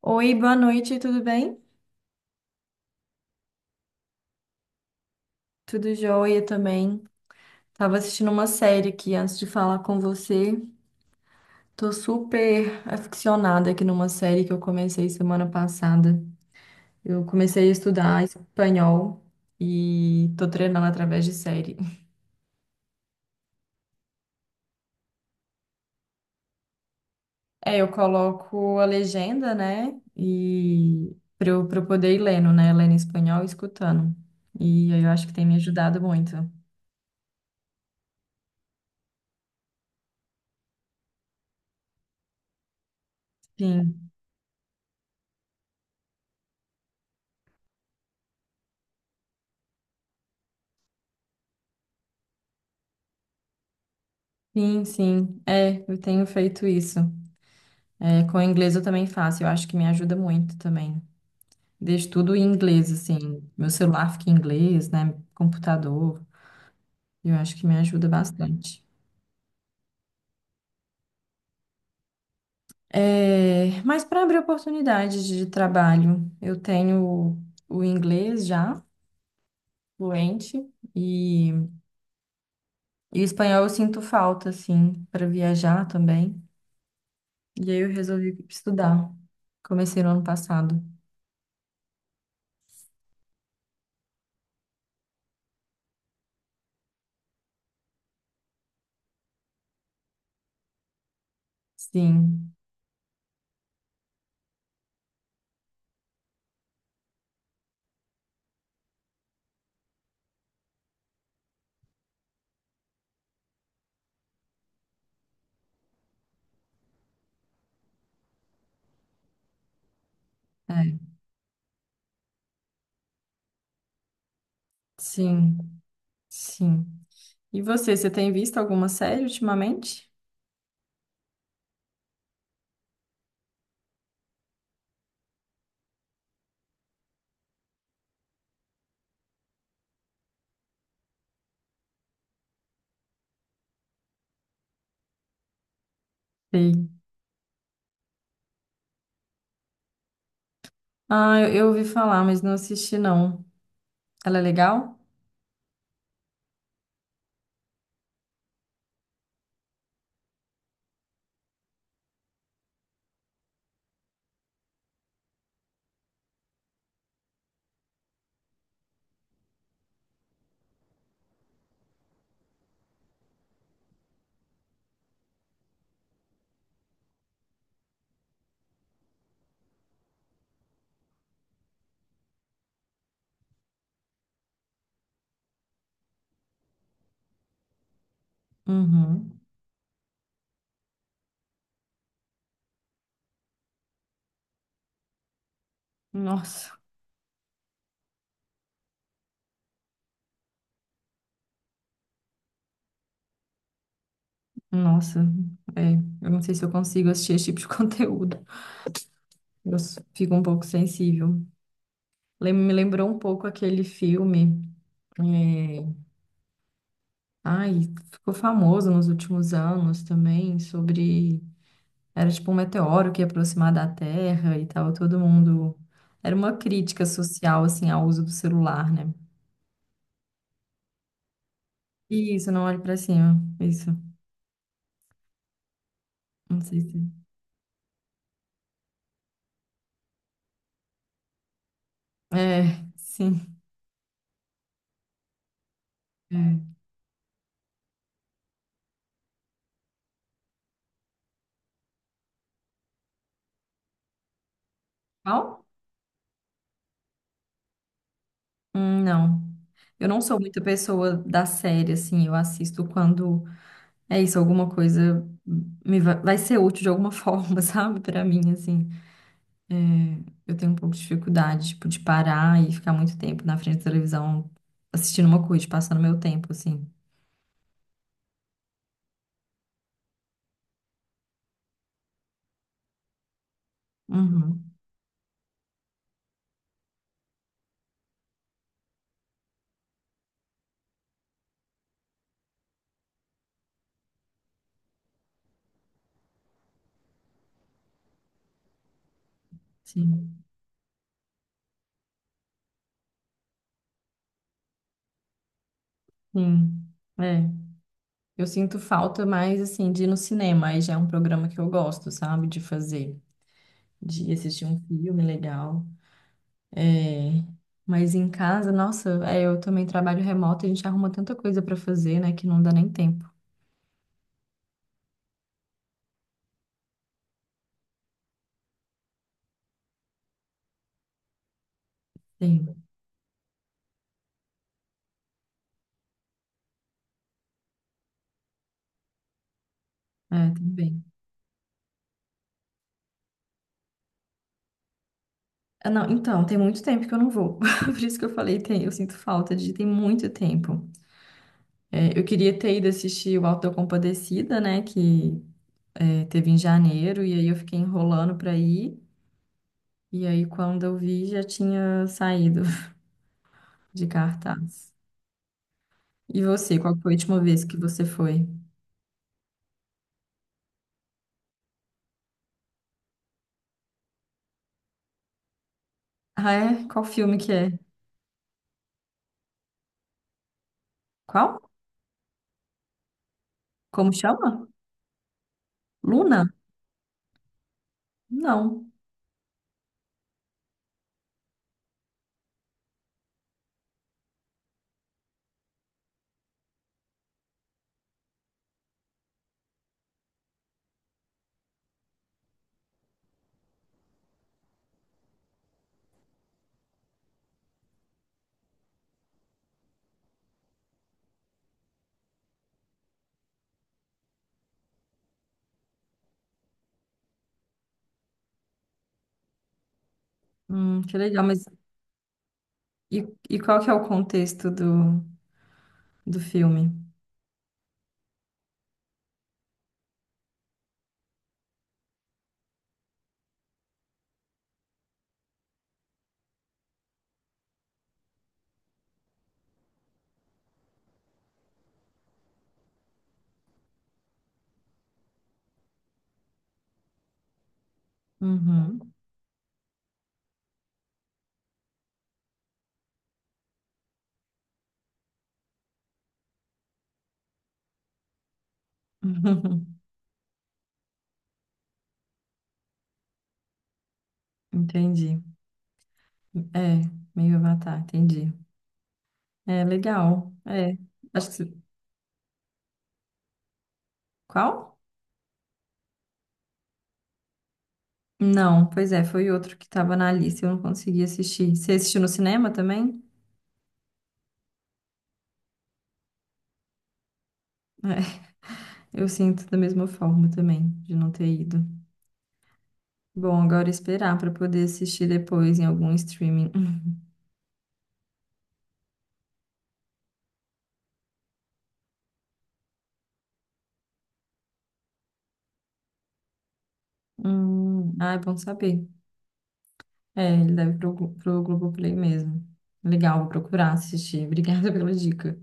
Oi, boa noite, tudo bem? Tudo jóia também. Tava assistindo uma série aqui antes de falar com você. Tô super aficionada aqui numa série que eu comecei semana passada. Eu comecei a estudar espanhol e tô treinando através de série. É, eu coloco a legenda, né? E pra eu poder ir lendo, né? Lendo em espanhol e escutando. E aí eu acho que tem me ajudado muito. Sim, sim. É, eu tenho feito isso. É, com o inglês eu também faço, eu acho que me ajuda muito também. Deixo tudo em inglês, assim, meu celular fica em inglês, né? Computador, eu acho que me ajuda bastante. É, mas para abrir oportunidades de trabalho, eu tenho o inglês já, fluente, e, e o espanhol eu sinto falta, assim, para viajar também. E aí eu resolvi estudar. Comecei no ano passado. Sim, é, sim, sim. E você, tem visto alguma série ultimamente? Sei. Ah, eu ouvi falar, mas não assisti, não. Ela é legal? Uhum. Nossa, nossa. É, eu não sei se eu consigo assistir esse tipo de conteúdo. Eu fico um pouco sensível. Me lembrou um pouco aquele filme. É, ai, ficou famoso nos últimos anos também. Sobre... Era tipo um meteoro que ia aproximar da Terra e tal, todo mundo... Era uma crítica social, assim, ao uso do celular, né? Isso, não olhe pra cima. Isso. Não sei se. É, sim. É. Qual? Não. Eu não sou muita pessoa da série, assim. Eu assisto quando é isso, alguma coisa me vai ser útil de alguma forma, sabe? Pra mim, assim. É, eu tenho um pouco de dificuldade, tipo, de parar e ficar muito tempo na frente da televisão assistindo uma coisa, passando meu tempo, assim. Uhum. Sim. Sim. É. Eu sinto falta mais, assim, de ir no cinema. Aí já é um programa que eu gosto, sabe? De fazer, de assistir um filme legal. É... Mas em casa, nossa, é, eu também trabalho remoto, a gente arruma tanta coisa para fazer, né, que não dá nem tempo. Sim, é, também. Ah, não, então, tem muito tempo que eu não vou. Por isso que eu falei, tem, eu sinto falta de tem muito tempo. É, eu queria ter ido assistir o Auto da Compadecida, né, que é, teve em janeiro, e aí eu fiquei enrolando para ir. E aí, quando eu vi, já tinha saído de cartaz. E você, qual foi a última vez que você foi? Ah, é? Qual filme que é? Qual? Como chama? Luna? Não. Que legal, mas e, e qual que é o contexto do filme? Uhum. Entendi. É, meio Avatar, entendi. É, legal. É. Acho que... se- Qual? Não, pois é, foi outro que estava na lista, eu não consegui assistir. Você assistiu no cinema também? Eu sinto da mesma forma também, de não ter ido. Bom, agora esperar para poder assistir depois em algum streaming. Ah, é bom saber. É, ele deve pro, Glo- pro Globoplay mesmo. Legal, vou procurar assistir. Obrigada pela dica.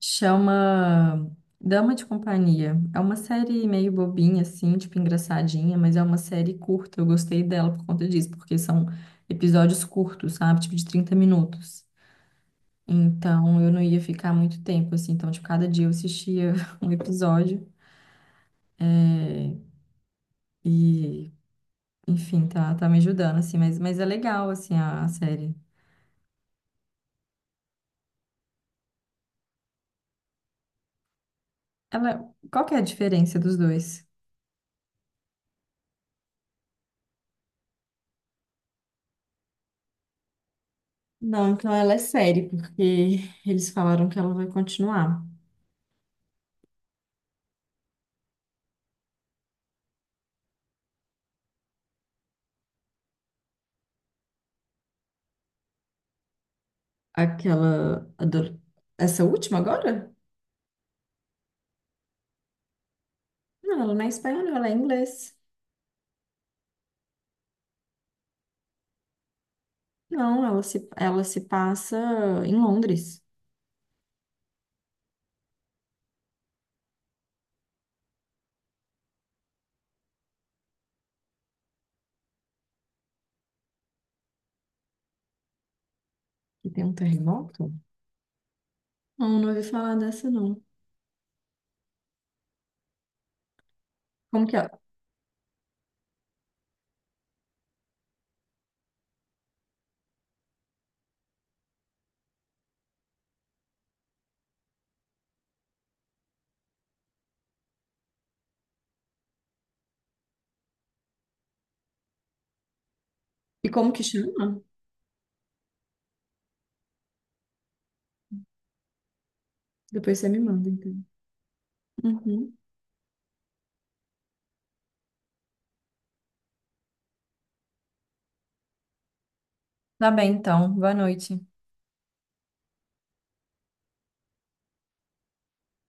Chama Dama de Companhia. É uma série meio bobinha, assim, tipo engraçadinha, mas é uma série curta. Eu gostei dela por conta disso, porque são episódios curtos, sabe? Tipo de 30 minutos. Então, eu não ia ficar muito tempo, assim. Então, tipo, cada dia eu assistia um episódio. É, e, enfim, tá, tá me ajudando, assim. Mas é legal, assim, a série. Ela, qual que é a diferença dos dois? Não, então ela é série, porque eles falaram que ela vai continuar. Aquela. Ado- Essa última agora? Não, ela não é espanhola, ela é inglês. Não, ela se passa em Londres, que tem um terremoto. Não, não ouvi falar dessa, não. Como que é? E como que chama? Depois você me manda, então. Uhum. Tá bem, então. Boa noite.